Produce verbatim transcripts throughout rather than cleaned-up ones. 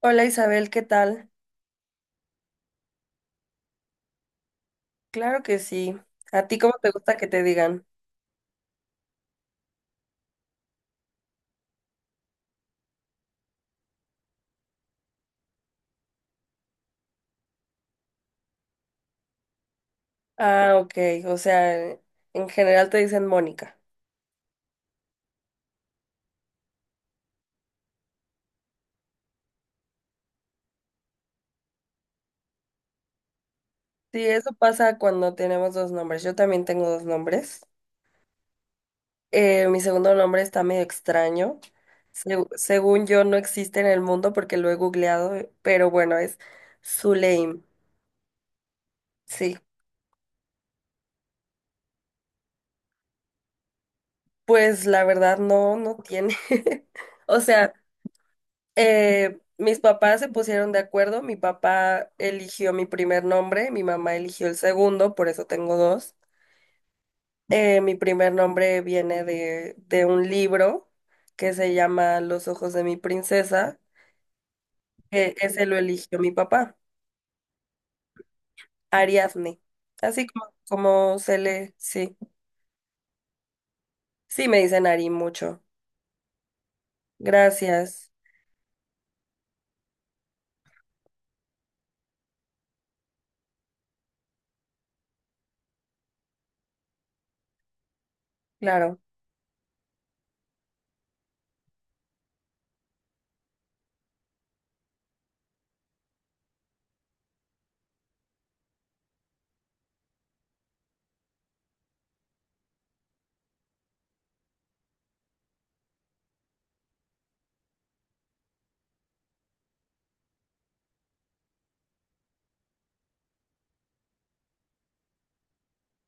Hola Isabel, ¿qué tal? Claro que sí. ¿A ti cómo te gusta que te digan? Ah, ok, o sea, en general te dicen Mónica. Sí, eso pasa cuando tenemos dos nombres. Yo también tengo dos nombres. Eh, mi segundo nombre está medio extraño. Se- según yo no existe en el mundo porque lo he googleado, eh, pero bueno, es Zuleim. Sí, pues la verdad no, no tiene. O sea, Eh, mis papás se pusieron de acuerdo, mi papá eligió mi primer nombre, mi mamá eligió el segundo, por eso tengo dos. Eh, mi primer nombre viene de, de un libro que se llama Los ojos de mi princesa, que ese lo eligió mi papá, Ariadne. Así como, como se le, sí, sí me dicen Ari mucho. Gracias, claro.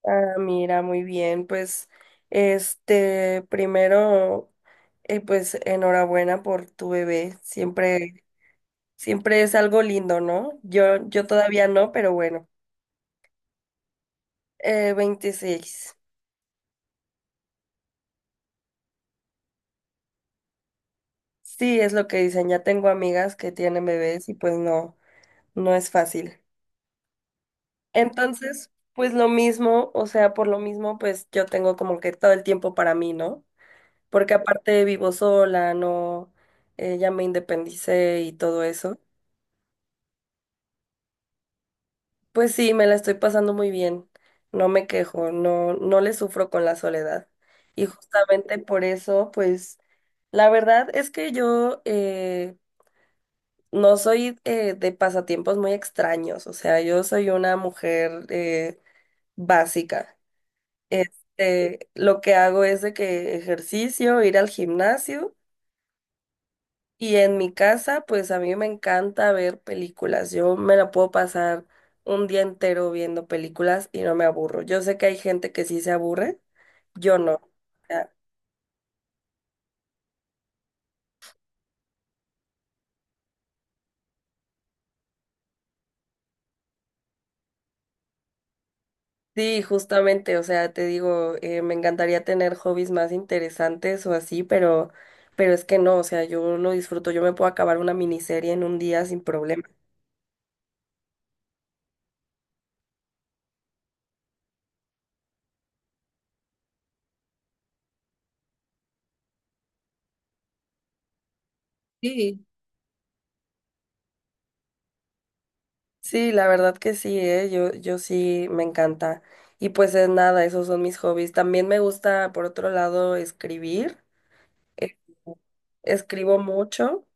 Ah, mira, muy bien. Pues, este, primero, eh, pues enhorabuena por tu bebé. Siempre, siempre es algo lindo, ¿no? Yo, yo todavía no, pero bueno. Eh, veintiséis. Sí, es lo que dicen. Ya tengo amigas que tienen bebés y pues no, no es fácil. Entonces, pues lo mismo, o sea, por lo mismo, pues yo tengo como que todo el tiempo para mí, ¿no? Porque aparte vivo sola, no, eh, ya me independicé y todo eso. Pues sí, me la estoy pasando muy bien. No me quejo, no, no le sufro con la soledad. Y justamente por eso, pues, la verdad es que yo eh, no soy eh, de pasatiempos muy extraños. O sea, yo soy una mujer eh, básica. Este, lo que hago es de que ejercicio, ir al gimnasio. Y en mi casa, pues a mí me encanta ver películas. Yo me la puedo pasar un día entero viendo películas y no me aburro. Yo sé que hay gente que sí se aburre, yo no. O sea, sí, justamente, o sea, te digo, eh, me encantaría tener hobbies más interesantes o así, pero, pero es que no, o sea, yo lo disfruto, yo me puedo acabar una miniserie en un día sin problema. Sí. Sí, la verdad que sí, ¿eh? Yo, yo sí me encanta. Y pues es nada, esos son mis hobbies. También me gusta, por otro lado, escribir. Eh, Escribo mucho.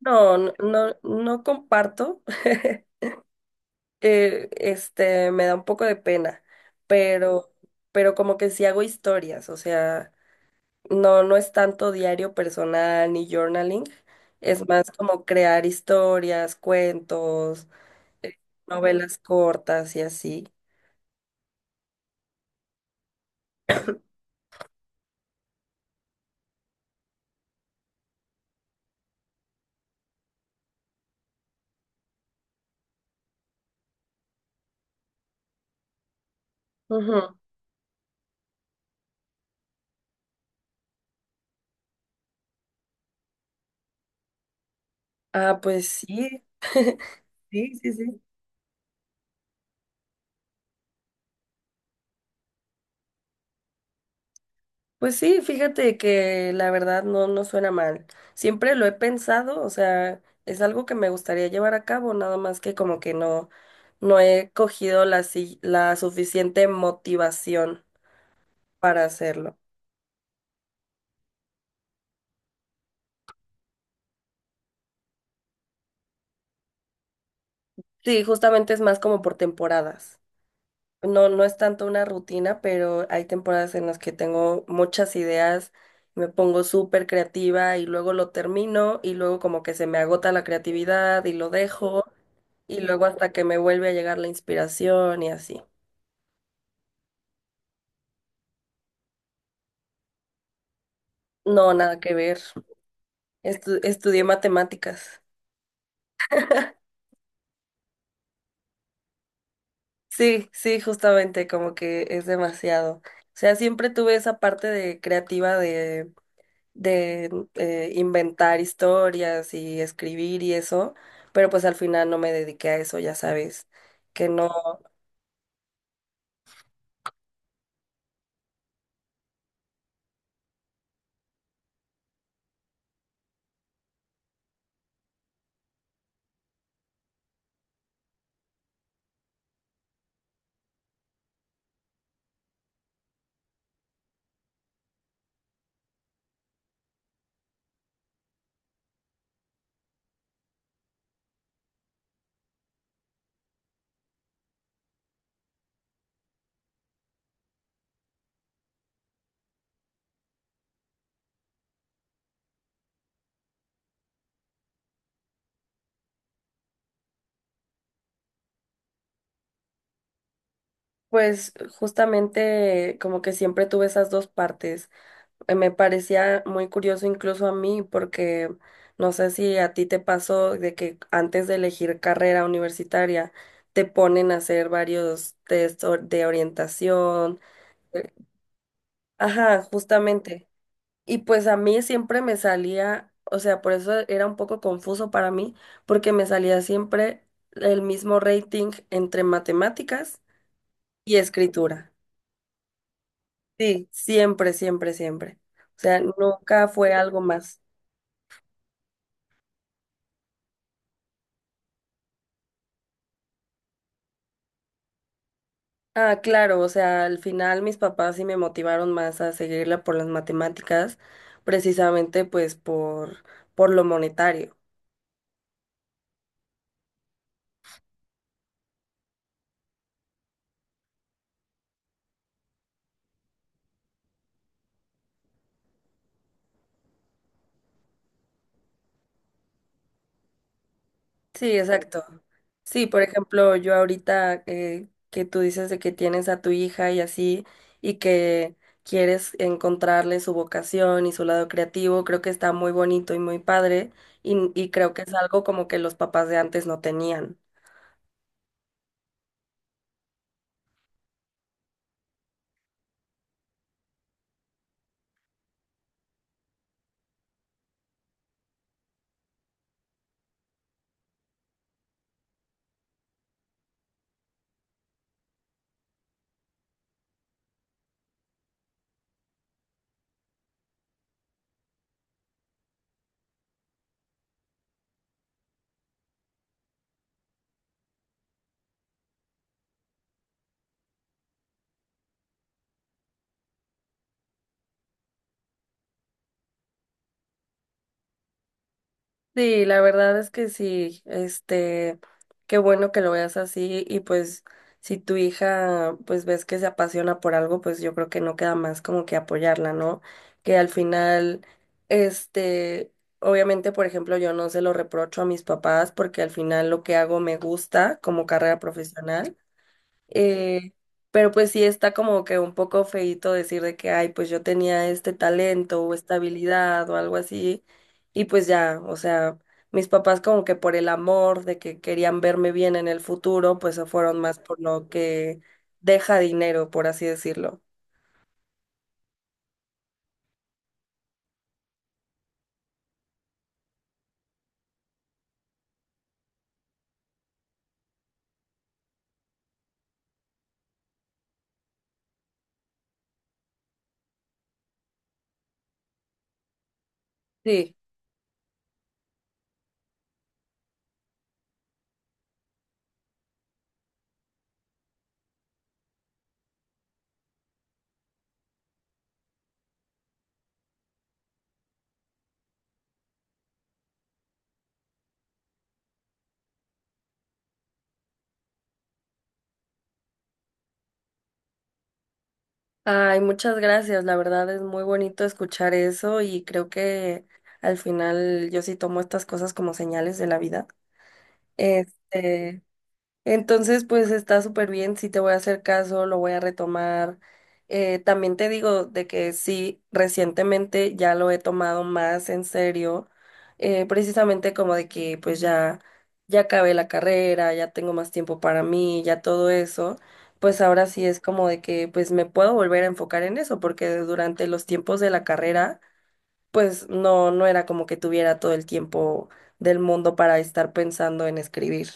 No, no, no, no comparto. Eh, este, me da un poco de pena, pero, pero como que sí hago historias, o sea, no, no es tanto diario personal ni journaling, es más como crear historias, cuentos, eh, novelas cortas y así. Ujú. Ah, pues sí. Sí, sí, sí. Pues sí, fíjate que la verdad no, no suena mal. Siempre lo he pensado, o sea, es algo que me gustaría llevar a cabo, nada más que como que no, no he cogido la, si- la suficiente motivación para hacerlo. Sí, justamente es más como por temporadas. No, no es tanto una rutina, pero hay temporadas en las que tengo muchas ideas, me pongo súper creativa y luego lo termino y luego como que se me agota la creatividad y lo dejo y luego hasta que me vuelve a llegar la inspiración y así. No, nada que ver. Estu- estudié matemáticas. Sí, sí, justamente como que es demasiado. O sea, siempre tuve esa parte de creativa de eh, inventar historias y escribir y eso, pero pues al final no me dediqué a eso, ya sabes, que no, pues justamente como que siempre tuve esas dos partes. Eh, Me parecía muy curioso incluso a mí porque no sé si a ti te pasó de que antes de elegir carrera universitaria te ponen a hacer varios test or- de orientación. eh, Ajá, justamente. Y pues a mí siempre me salía, o sea, por eso era un poco confuso para mí, porque me salía siempre el mismo rating entre matemáticas y escritura. Sí, siempre, siempre, siempre. O sea, nunca fue algo más. Ah, claro, o sea, al final mis papás sí me motivaron más a seguirla por las matemáticas, precisamente pues por, por lo monetario. Sí, exacto. Sí, por ejemplo, yo ahorita eh, que tú dices de que tienes a tu hija y así, y que quieres encontrarle su vocación y su lado creativo, creo que está muy bonito y muy padre, y, y creo que es algo como que los papás de antes no tenían. Sí, la verdad es que sí, este, qué bueno que lo veas así y pues si tu hija pues ves que se apasiona por algo, pues yo creo que no queda más como que apoyarla, ¿no? Que al final, este, obviamente, por ejemplo, yo no se lo reprocho a mis papás porque al final lo que hago me gusta como carrera profesional. Eh, pero pues sí está como que un poco feíto decir de que, ay, pues yo tenía este talento o esta habilidad o algo así. Y pues ya, o sea, mis papás como que por el amor de que querían verme bien en el futuro, pues se fueron más por lo que deja dinero, por así decirlo. Sí. Ay, muchas gracias. La verdad es muy bonito escuchar eso y creo que al final yo sí tomo estas cosas como señales de la vida. Este, entonces, pues está súper bien, sí te voy a hacer caso, lo voy a retomar. Eh, también te digo de que sí, recientemente ya lo he tomado más en serio, eh, precisamente como de que pues ya, ya acabé la carrera, ya tengo más tiempo para mí, ya todo eso, pues ahora sí es como de que pues me puedo volver a enfocar en eso, porque durante los tiempos de la carrera, pues no, no era como que tuviera todo el tiempo del mundo para estar pensando en escribir.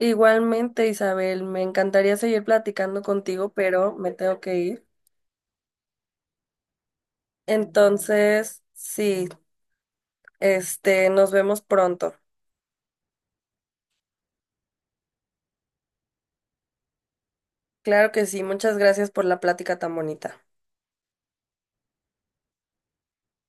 Igualmente, Isabel, me encantaría seguir platicando contigo, pero me tengo que ir. Entonces, sí, este, nos vemos pronto. Claro que sí, muchas gracias por la plática tan bonita.